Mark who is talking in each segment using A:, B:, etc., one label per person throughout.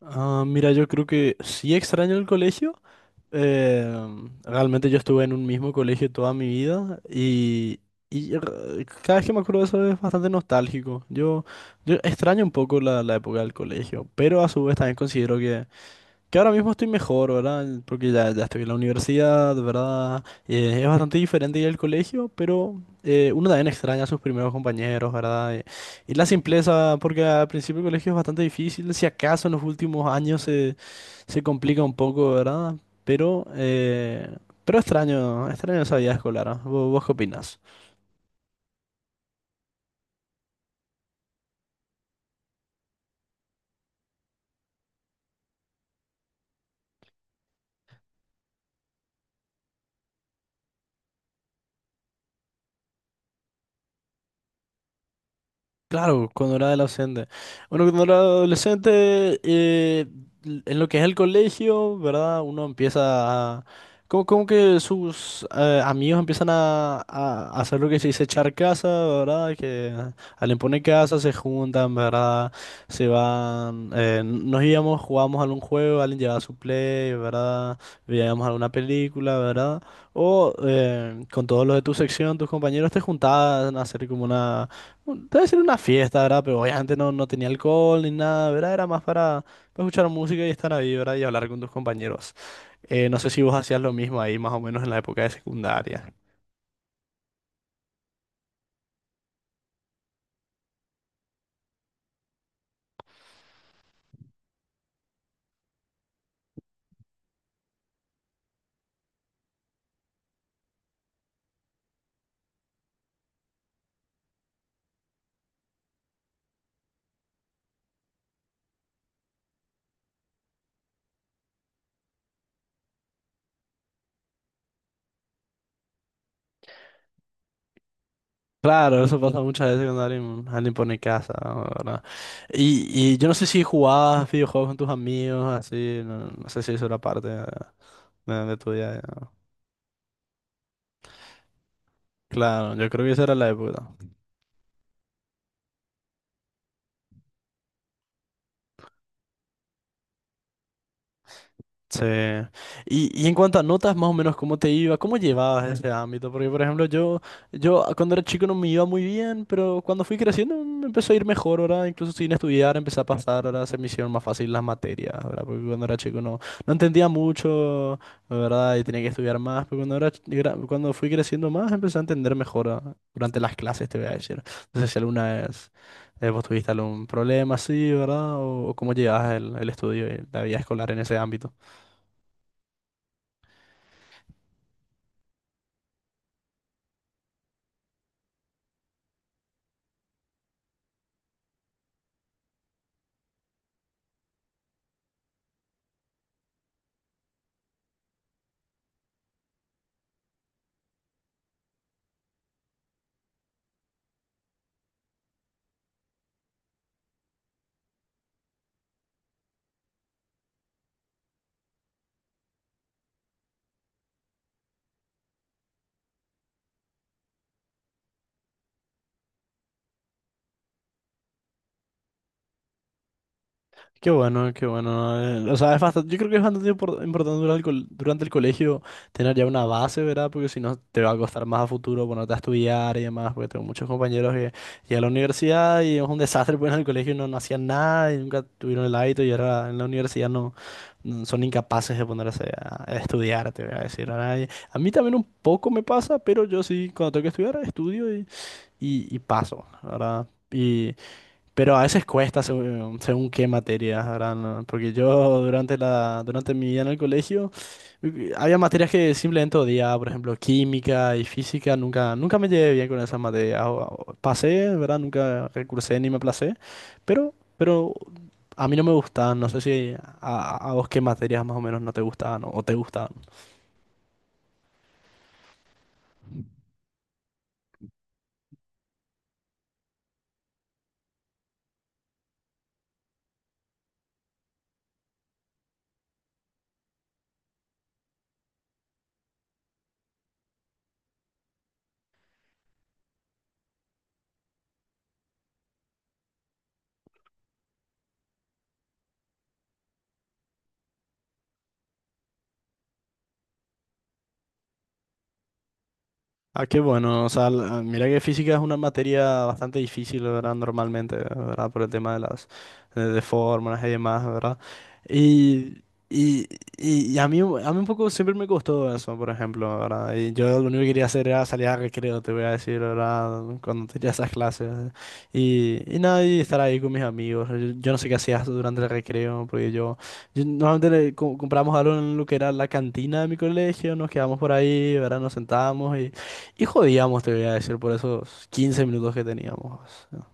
A: Ah, mira, yo creo que sí extraño el colegio. Eh, Realmente yo estuve en un mismo colegio toda mi vida y cada vez que me acuerdo de eso es bastante nostálgico. Yo extraño un poco la época del colegio, pero a su vez también considero que ahora mismo estoy mejor, ¿verdad? Porque ya estoy en la universidad, ¿verdad? Es bastante diferente ir al colegio, pero uno también extraña a sus primeros compañeros, ¿verdad? Y la simpleza, porque al principio el colegio es bastante difícil, si acaso en los últimos se complica un poco, ¿verdad? Pero, eh, pero extraño esa vida escolar, ¿ah? ¿Vos qué opinás? Claro, cuando era adolescente. Bueno, cuando era adolescente, en lo que es el colegio, ¿verdad? Uno empieza a... Como que sus amigos empiezan a hacer lo que se dice echar casa, ¿verdad? Que al imponer casa se juntan, ¿verdad? Se van... nos íbamos, jugábamos algún juego, alguien llevaba su play, ¿verdad? Veíamos alguna película, ¿verdad? O con todos los de tu sección, tus compañeros te juntaban a hacer como una debe ser una fiesta, ¿verdad? Pero obviamente no tenía alcohol ni nada, ¿verdad? Era más para escuchar música y estar ahí, ¿verdad? Y hablar con tus compañeros. No sé si vos hacías lo mismo ahí, más o menos en la época de secundaria. Claro, eso pasa muchas veces cuando alguien pone casa, ¿verdad? Y yo no sé si jugabas videojuegos con tus amigos, así, no, no sé si eso era parte de de tu día a día. Claro, yo creo que esa era la época. Sí. Y en cuanto a notas, más o menos, ¿cómo te iba? ¿Cómo llevabas ese ámbito? Porque, por ejemplo, yo cuando era chico no me iba muy bien, pero cuando fui creciendo me empezó a ir mejor, ¿verdad? Incluso sin estudiar empecé a pasar, ahora se me hicieron más fácil las materias, ¿verdad? Porque cuando era chico no entendía mucho, ¿verdad? Y tenía que estudiar más, pero cuando cuando fui creciendo más empecé a entender mejor, ¿verdad? Durante las clases, te voy a decir. No sé si alguna vez vos tuviste algún problema así, ¿verdad? O cómo llevabas el estudio y la vida escolar en ese ámbito. Qué bueno, qué bueno. O sea, es bastante, yo creo que es bastante importante durante durante el colegio tener ya una base, ¿verdad? Porque si no te va a costar más a futuro ponerte a estudiar y demás, porque tengo muchos compañeros que llegan a la universidad y es un desastre, porque en el colegio no hacían nada y nunca tuvieron el hábito y ahora en la universidad son incapaces de ponerse a estudiar, te voy a decir, ¿verdad? Y a mí también un poco me pasa, pero yo sí, cuando tengo que estudiar, estudio y paso, ¿verdad? Pero a veces cuesta según qué materias, ¿verdad? No, porque yo durante durante mi vida en el colegio había materias que simplemente odiaba, por ejemplo, química y física, nunca me llevé bien con esas materias. Pasé, ¿verdad? Nunca recursé ni me aplacé, pero a mí no me gustaban, no sé si a vos qué materias más o menos no te gustaban o te gustaban. Ah, qué bueno. O sea, mira que física es una materia bastante difícil, ¿verdad? Normalmente, ¿verdad? Por el tema de las de fórmulas y demás, ¿verdad? Y, y, y a a mí un poco siempre me costó eso, por ejemplo, ¿verdad? Y yo lo único que quería hacer era salir a recreo, te voy a decir, ¿verdad? Cuando tenía esas clases. Y nada, y estar ahí con mis amigos. Yo no sé qué hacías durante el recreo, porque yo... Normalmente le compramos algo en lo que era la cantina de mi colegio, nos quedamos por ahí, ¿verdad? Nos sentábamos y jodíamos, te voy a decir, por esos 15 minutos que teníamos, ¿no?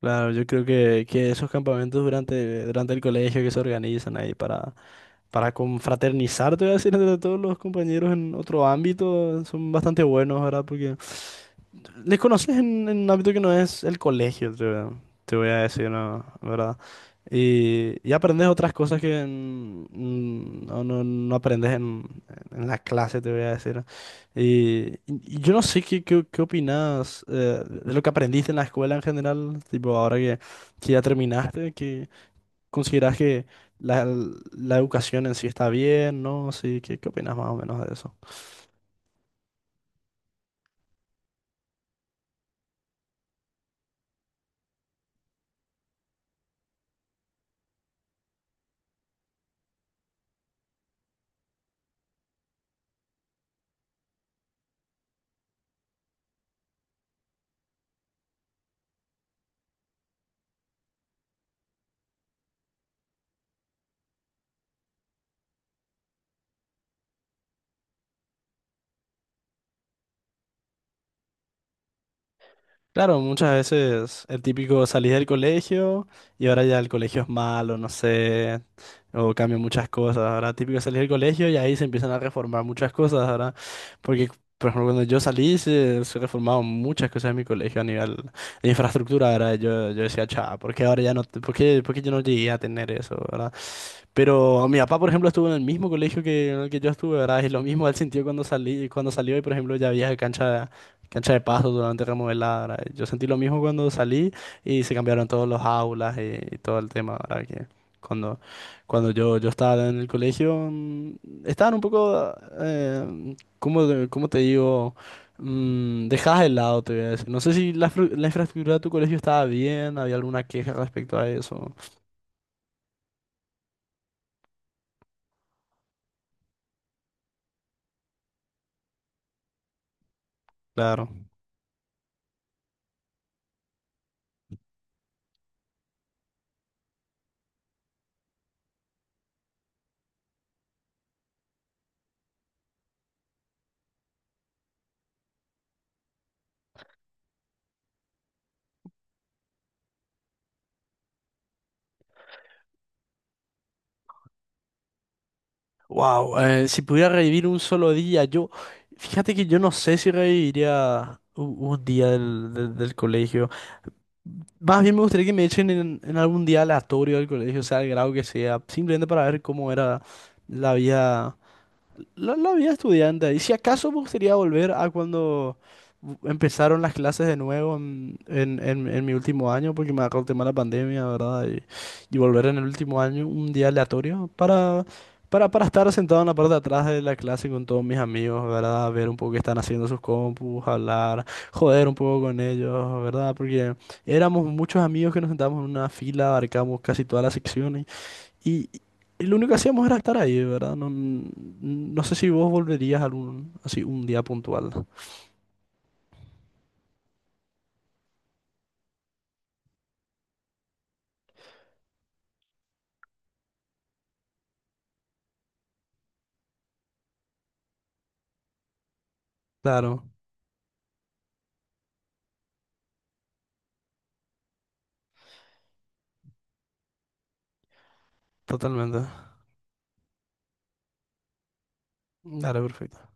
A: Claro, yo creo que esos campamentos durante el colegio que se organizan ahí para confraternizar, te voy a decir, entre todos los compañeros en otro ámbito, son bastante buenos, ¿verdad? Porque les conoces en un ámbito que no es el colegio, te voy a decir, ¿no? ¿Verdad? Y aprendes otras cosas que no aprendes en la clase, te voy a decir. Y yo no sé qué opinas de lo que aprendiste en la escuela en general, tipo ahora que ya terminaste, que consideras que la, la educación en sí está bien, ¿no? Sí, ¿qué, qué opinas más o menos de eso? Claro, muchas veces el típico salís del colegio y ahora ya el colegio es malo, no sé, o cambian muchas cosas. Ahora típico salir del colegio y ahí se empiezan a reformar muchas cosas, ahora porque, por ejemplo, cuando yo salí se reformaron muchas cosas en mi colegio a nivel de infraestructura, ahora yo decía, chao, ¿por qué ahora ya no, por por qué yo no llegué a tener eso, ¿verdad? Pero mi papá, por ejemplo, estuvo en el mismo colegio en el que yo estuve, ¿verdad? Y lo mismo él sintió cuando salí, cuando salió y, por ejemplo, ya había cancha de paso totalmente remodelada, ¿verdad? Yo sentí lo mismo cuando salí y se cambiaron todos los aulas y todo el tema, ¿verdad? Que cuando, cuando yo estaba en el colegio, estaban un ¿cómo, cómo te digo? Dejadas de lado, te voy a decir. No sé si la infraestructura de tu colegio estaba bien, había alguna queja respecto a eso. Claro. Wow, si pudiera revivir un solo día, fíjate que yo no sé si reviviría día del colegio. Más bien me gustaría que me echen en algún día aleatorio del colegio, sea el grado que sea, simplemente para ver cómo era la vida. La vida estudiante. Y si acaso me gustaría volver a cuando empezaron las clases de nuevo en mi último año, porque me agarró el tema de la pandemia, ¿verdad? Y volver en el último año, un día aleatorio, para estar sentado en la parte de atrás de la clase con todos mis amigos, ¿verdad? Ver un poco qué están haciendo sus compus, hablar, joder un poco con ellos, ¿verdad? Porque éramos muchos amigos que nos sentábamos en una fila, abarcamos casi todas las secciones. Y, y lo único que hacíamos era estar ahí, ¿verdad? No, no sé si vos volverías algún, así un día puntual. Claro, totalmente. Claro, perfecto.